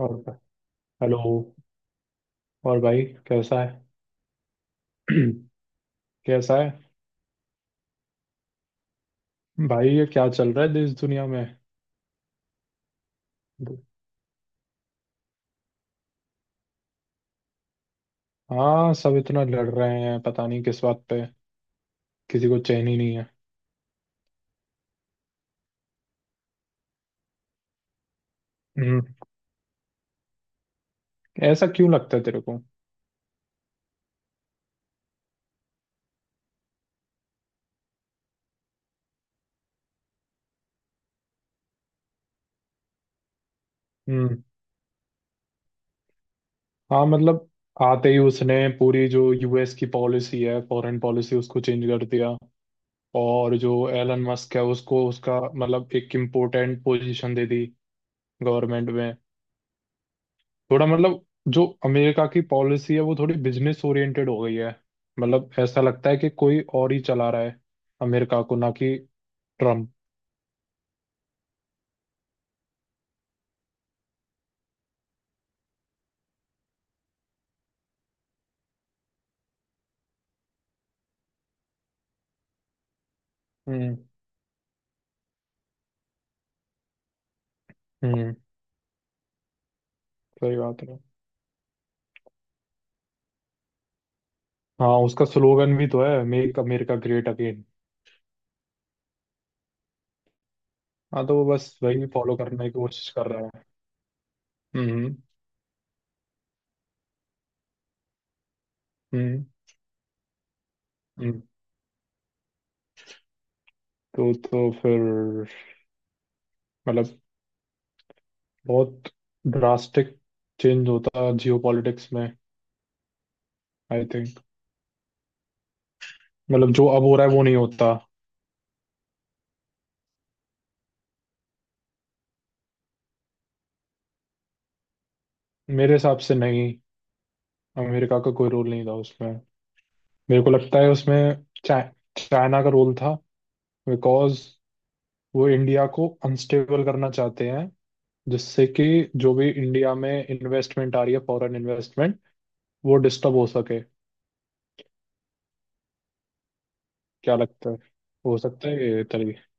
और। हेलो। और भाई, कैसा है? कैसा है? भाई, ये क्या चल रहा है देश दुनिया में? हाँ, सब इतना लड़ रहे हैं, पता नहीं किस बात पे। किसी को चैन ही नहीं है। हम्म। ऐसा क्यों लगता है तेरे को? हम्म। हाँ मतलब, आते ही उसने पूरी जो यूएस की पॉलिसी है, फॉरेन पॉलिसी, उसको चेंज कर दिया। और जो एलन मस्क है, उसको उसका मतलब एक इम्पोर्टेंट पोजीशन दे दी गवर्नमेंट में। थोड़ा मतलब, जो अमेरिका की पॉलिसी है वो थोड़ी बिजनेस ओरिएंटेड हो गई है। मतलब ऐसा लगता है कि कोई और ही चला रहा है अमेरिका को, ना कि ट्रम्प। हम्म। हम्म। सही बात है। हाँ, उसका स्लोगन भी तो है, मेक अमेरिका ग्रेट अगेन। हाँ, तो वो बस वही फॉलो करने की कोशिश कर रहा है। हम्म। हम्म। हम्म। तो फिर मतलब, बहुत ड्रास्टिक चेंज होता जियो पॉलिटिक्स में, आई थिंक। मतलब जो अब हो रहा है वो नहीं होता। मेरे हिसाब से नहीं, अमेरिका का कोई रोल नहीं था उसमें। मेरे को लगता है उसमें चाइना का रोल था। बिकॉज वो इंडिया को अनस्टेबल करना चाहते हैं, जिससे कि जो भी इंडिया में इन्वेस्टमेंट आ रही है, फॉरेन इन्वेस्टमेंट, वो डिस्टर्ब हो सके। क्या लगता है? हो सकता है ये तरीके।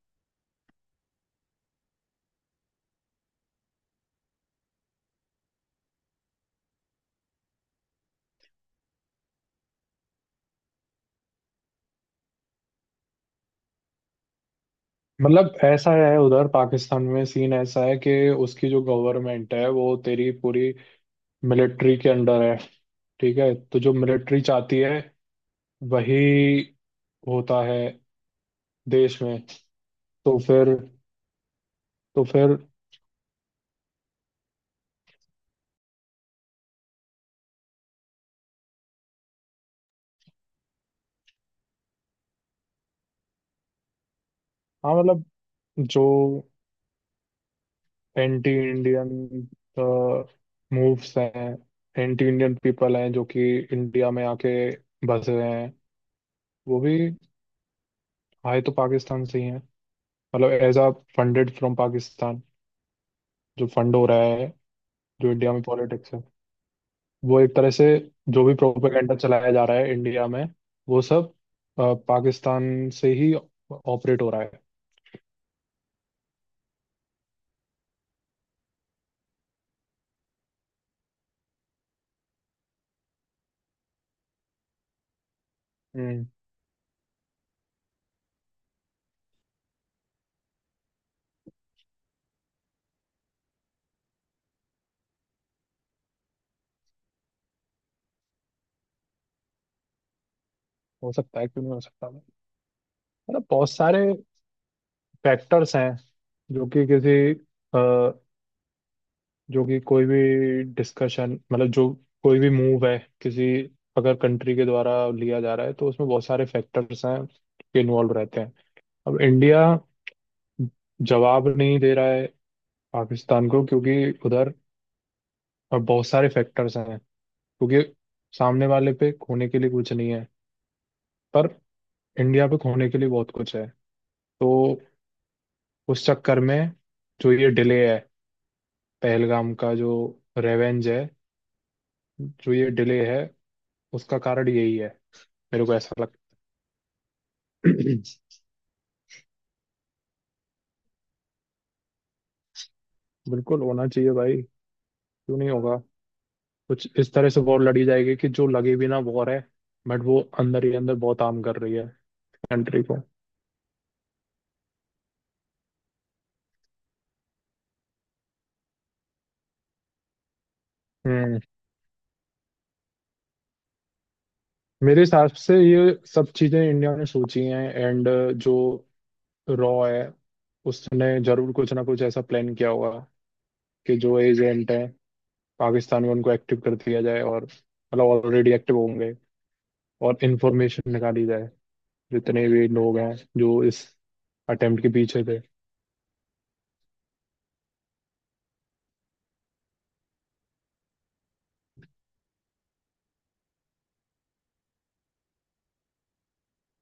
मतलब ऐसा है, उधर पाकिस्तान में सीन ऐसा है कि उसकी जो गवर्नमेंट है वो तेरी पूरी मिलिट्री के अंडर है। ठीक है, तो जो मिलिट्री चाहती है वही होता है देश में। तो फिर, तो फिर हाँ मतलब, जो एंटी इंडियन मूव्स हैं, एंटी इंडियन पीपल हैं जो कि इंडिया में आके बसे हैं, वो भी आए तो पाकिस्तान से ही हैं। मतलब as a funded from Pakistan, जो फंड हो रहा है, जो इंडिया में पॉलिटिक्स है वो एक तरह से जो भी प्रोपेगेंडा चलाया जा रहा है इंडिया में, वो सब पाकिस्तान से ही ऑपरेट हो रहा है। हम्म। हो सकता है, क्यों नहीं हो सकता। मतलब बहुत सारे फैक्टर्स हैं, जो कि किसी अ, जो कि कोई भी डिस्कशन, मतलब जो कोई भी मूव है किसी, अगर कंट्री के द्वारा लिया जा रहा है, तो उसमें बहुत सारे फैक्टर्स हैं के इन्वॉल्व रहते हैं। अब इंडिया जवाब नहीं दे रहा है पाकिस्तान को, क्योंकि उधर बहुत सारे फैक्टर्स हैं। क्योंकि सामने वाले पे खोने के लिए कुछ नहीं है, पर इंडिया पे खोने के लिए बहुत कुछ है। तो उस चक्कर में जो ये डिले है, पहलगाम का जो रेवेंज है, जो ये डिले है, उसका कारण यही है, मेरे को ऐसा लगता है। बिल्कुल होना चाहिए भाई, क्यों नहीं होगा। कुछ इस तरह से वॉर लड़ी जाएगी कि जो लगे भी ना वॉर है, बट वो अंदर ही अंदर बहुत हार्म कर रही है कंट्री को। हम्म। मेरे हिसाब से ये सब चीजें इंडिया ने सोची हैं, एंड जो रॉ है उसने जरूर कुछ ना कुछ ऐसा प्लान किया होगा कि जो एजेंट हैं पाकिस्तान में उनको एक्टिव कर दिया जाए, और मतलब ऑलरेडी एक्टिव होंगे, और इंफॉर्मेशन निकाली जाए जितने भी लोग हैं जो इस अटेम्प्ट के पीछे थे।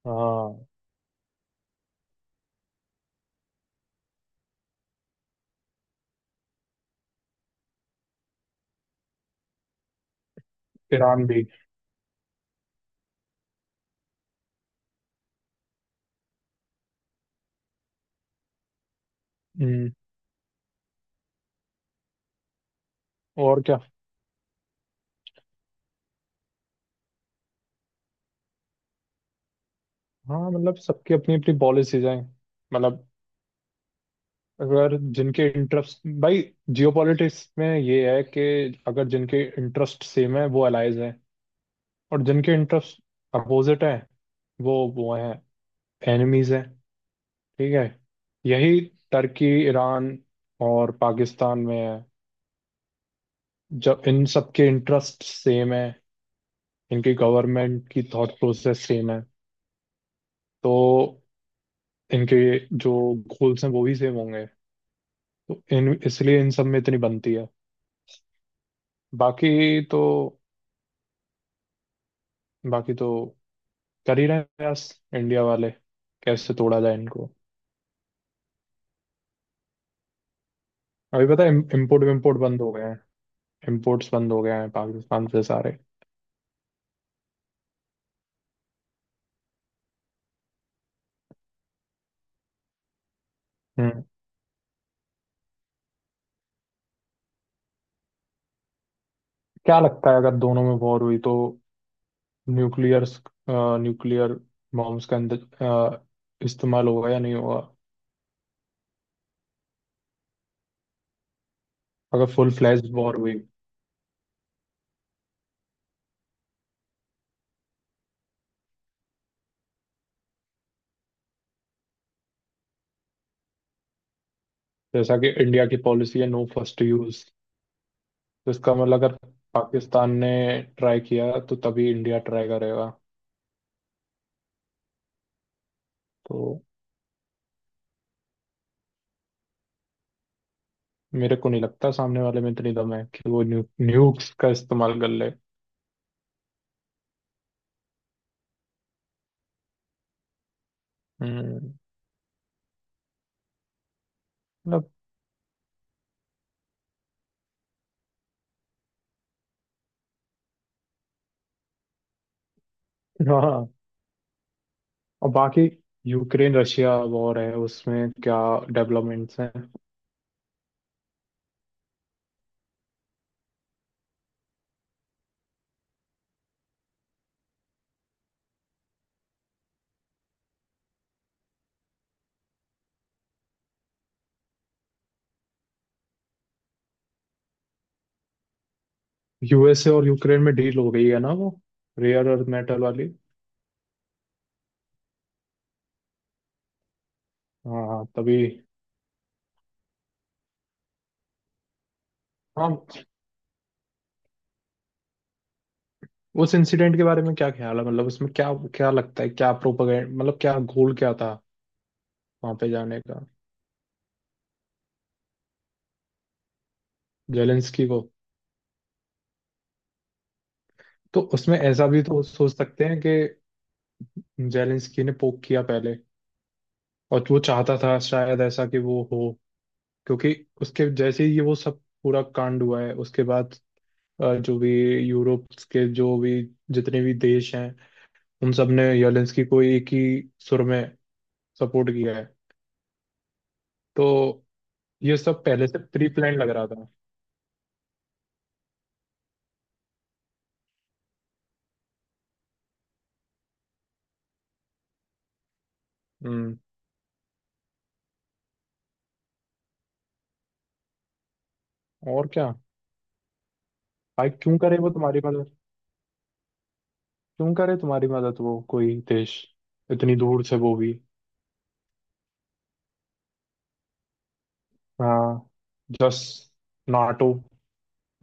हाँ, ईरान भी। हम्म। और क्या। हाँ मतलब, सबकी अपनी अपनी पॉलिसीज हैं। मतलब, अगर जिनके इंटरेस्ट, भाई जियोपॉलिटिक्स में ये है कि अगर जिनके इंटरेस्ट सेम है वो अलाइज हैं, और जिनके इंटरेस्ट अपोजिट हैं वो हैं, एनिमीज हैं। ठीक है। यही टर्की, ईरान और पाकिस्तान में है। जब इन सबके इंटरेस्ट सेम है, इनके गवर्नमेंट की थॉट प्रोसेस सेम है, तो इनके जो गोल्स हैं वो भी सेम होंगे। तो इन इसलिए इन सब में इतनी बनती है। बाकी तो, बाकी तो कर ही रहे हैं प्रयास इंडिया वाले, कैसे तोड़ा जाए इनको। अभी पता है, इम्पोर्ट विम्पोर्ट बंद हो गए हैं, इम्पोर्ट्स बंद हो गए हैं पाकिस्तान से सारे। हम्म। क्या लगता है, अगर दोनों में वॉर हुई तो न्यूक्लियर, न्यूक्लियर बॉम्ब्स का इस्तेमाल होगा या नहीं होगा? अगर फुल फ्लैश वॉर हुई, जैसा कि इंडिया की पॉलिसी है नो फर्स्ट यूज, तो इसका मतलब अगर पाकिस्तान ने ट्राई किया तो तभी इंडिया ट्राई करेगा। तो मेरे को नहीं लगता सामने वाले में इतनी दम है कि वो न्यूक्स का इस्तेमाल कर ले। हम्म। मतलब हाँ। और बाकी यूक्रेन रशिया वॉर है, उसमें क्या डेवलपमेंट्स हैं? यूएसए और यूक्रेन में डील हो गई है ना, वो रेयर अर्थ मेटल वाली। हाँ, हाँ तभी। हाँ। उस इंसिडेंट के बारे में क्या ख्याल है? मतलब उसमें क्या, क्या लगता है, क्या प्रोपेगेंड, मतलब क्या गोल क्या था वहां पे जाने का, जेलेंस्की को? तो उसमें ऐसा भी तो सोच सकते हैं कि जेलेंस्की ने पोक किया पहले, और वो चाहता था शायद ऐसा कि वो हो, क्योंकि उसके जैसे ही ये वो सब पूरा कांड हुआ है उसके बाद जो भी यूरोप के जो भी जितने भी देश हैं, उन सब ने जेलेंस्की को एक ही सुर में सपोर्ट किया है। तो ये सब पहले से प्री प्लान लग रहा था। हम्म। और क्या। भाई क्यों करे वो तुम्हारी मदद, क्यों करे तुम्हारी मदद वो, कोई देश इतनी दूर से, वो भी। हाँ। जस, नाटो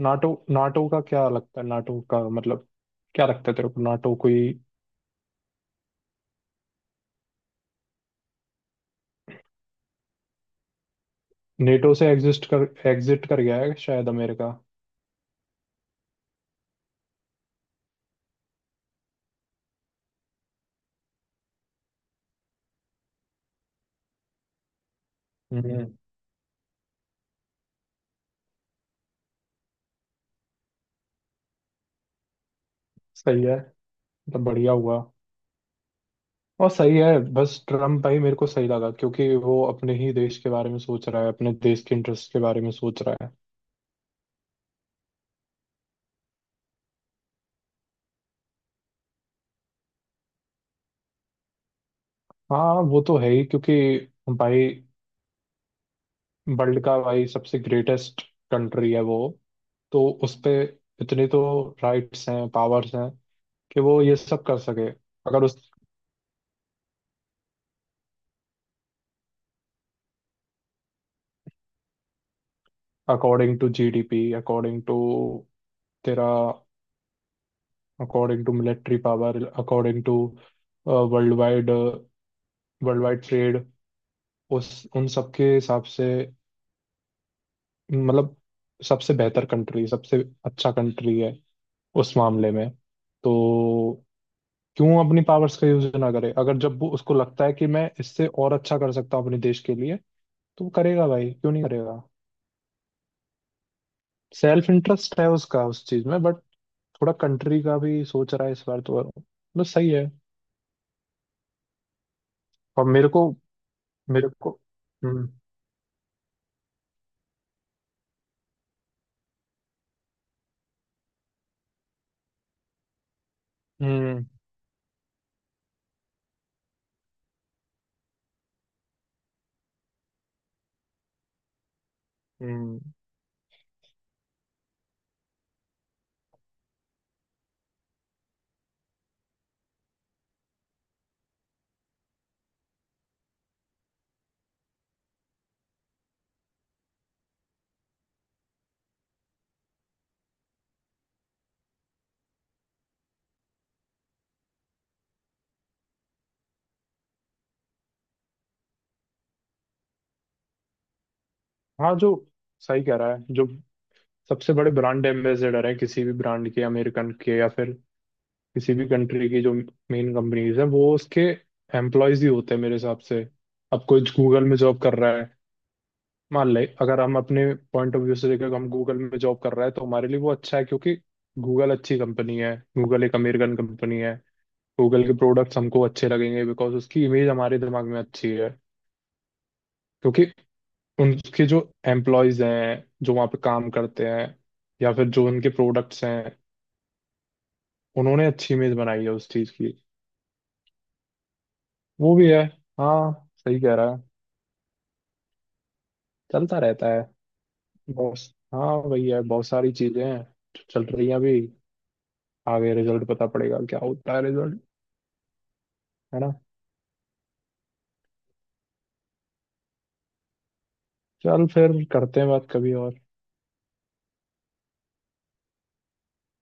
नाटो नाटो का क्या लगता है? नाटो का मतलब, क्या लगता है तेरे को, नाटो कोई? नेटो से एग्जिस्ट कर एग्जिट कर गया है शायद अमेरिका। हम्म। सही है। मतलब बढ़िया हुआ। और सही है, बस ट्रम्प भाई मेरे को सही लगा, क्योंकि वो अपने ही देश के बारे में सोच रहा है, अपने देश के इंटरेस्ट के बारे में सोच रहा है। हाँ वो तो है ही, क्योंकि भाई, वर्ल्ड का भाई सबसे ग्रेटेस्ट कंट्री है वो, तो उस पे इतनी तो राइट्स हैं, पावर्स हैं कि वो ये सब कर सके। अगर उस, according to GDP, according to तेरा, according to military power, according to world wide, world wide trade, उस, उन सब के हिसाब से, मतलब सबसे बेहतर कंट्री, सबसे अच्छा कंट्री है उस मामले में। तो क्यों अपनी पावर्स का यूज ना करे, अगर जब वो उसको लगता है कि मैं इससे और अच्छा कर सकता हूँ अपने देश के लिए, तो वो करेगा भाई, क्यों नहीं करेगा। सेल्फ इंटरेस्ट है उसका उस चीज में, बट थोड़ा कंट्री का भी सोच रहा है इस बार, तो मतलब सही है। और मेरे को हम्म। हम्म। हम्म। हाँ जो, सही कह रहा है, जो सबसे बड़े ब्रांड एम्बेसडर है किसी भी ब्रांड के अमेरिकन के या फिर किसी भी कंट्री की, जो मेन कंपनीज है वो उसके एम्प्लॉयज ही होते हैं मेरे हिसाब से। अब कोई गूगल में जॉब कर रहा है, मान ले अगर हम अपने पॉइंट ऑफ व्यू से देखें, हम गूगल में जॉब कर रहे हैं तो हमारे लिए वो अच्छा है, क्योंकि गूगल अच्छी कंपनी है, गूगल एक अमेरिकन कंपनी है। गूगल के प्रोडक्ट्स हमको अच्छे लगेंगे बिकॉज उसकी इमेज हमारे दिमाग में अच्छी है, क्योंकि उनके जो एम्प्लॉयज हैं जो वहाँ पे काम करते हैं, या फिर जो उनके प्रोडक्ट्स हैं, उन्होंने अच्छी इमेज बनाई है उस चीज़ की। वो भी है। हाँ, सही कह रहा है। चलता रहता है बहुत। हाँ, वही है, बहुत सारी चीज़ें हैं जो चल रही हैं अभी। आगे रिजल्ट पता पड़ेगा, क्या होता है रिजल्ट, है ना? चल, फिर करते हैं बात कभी और।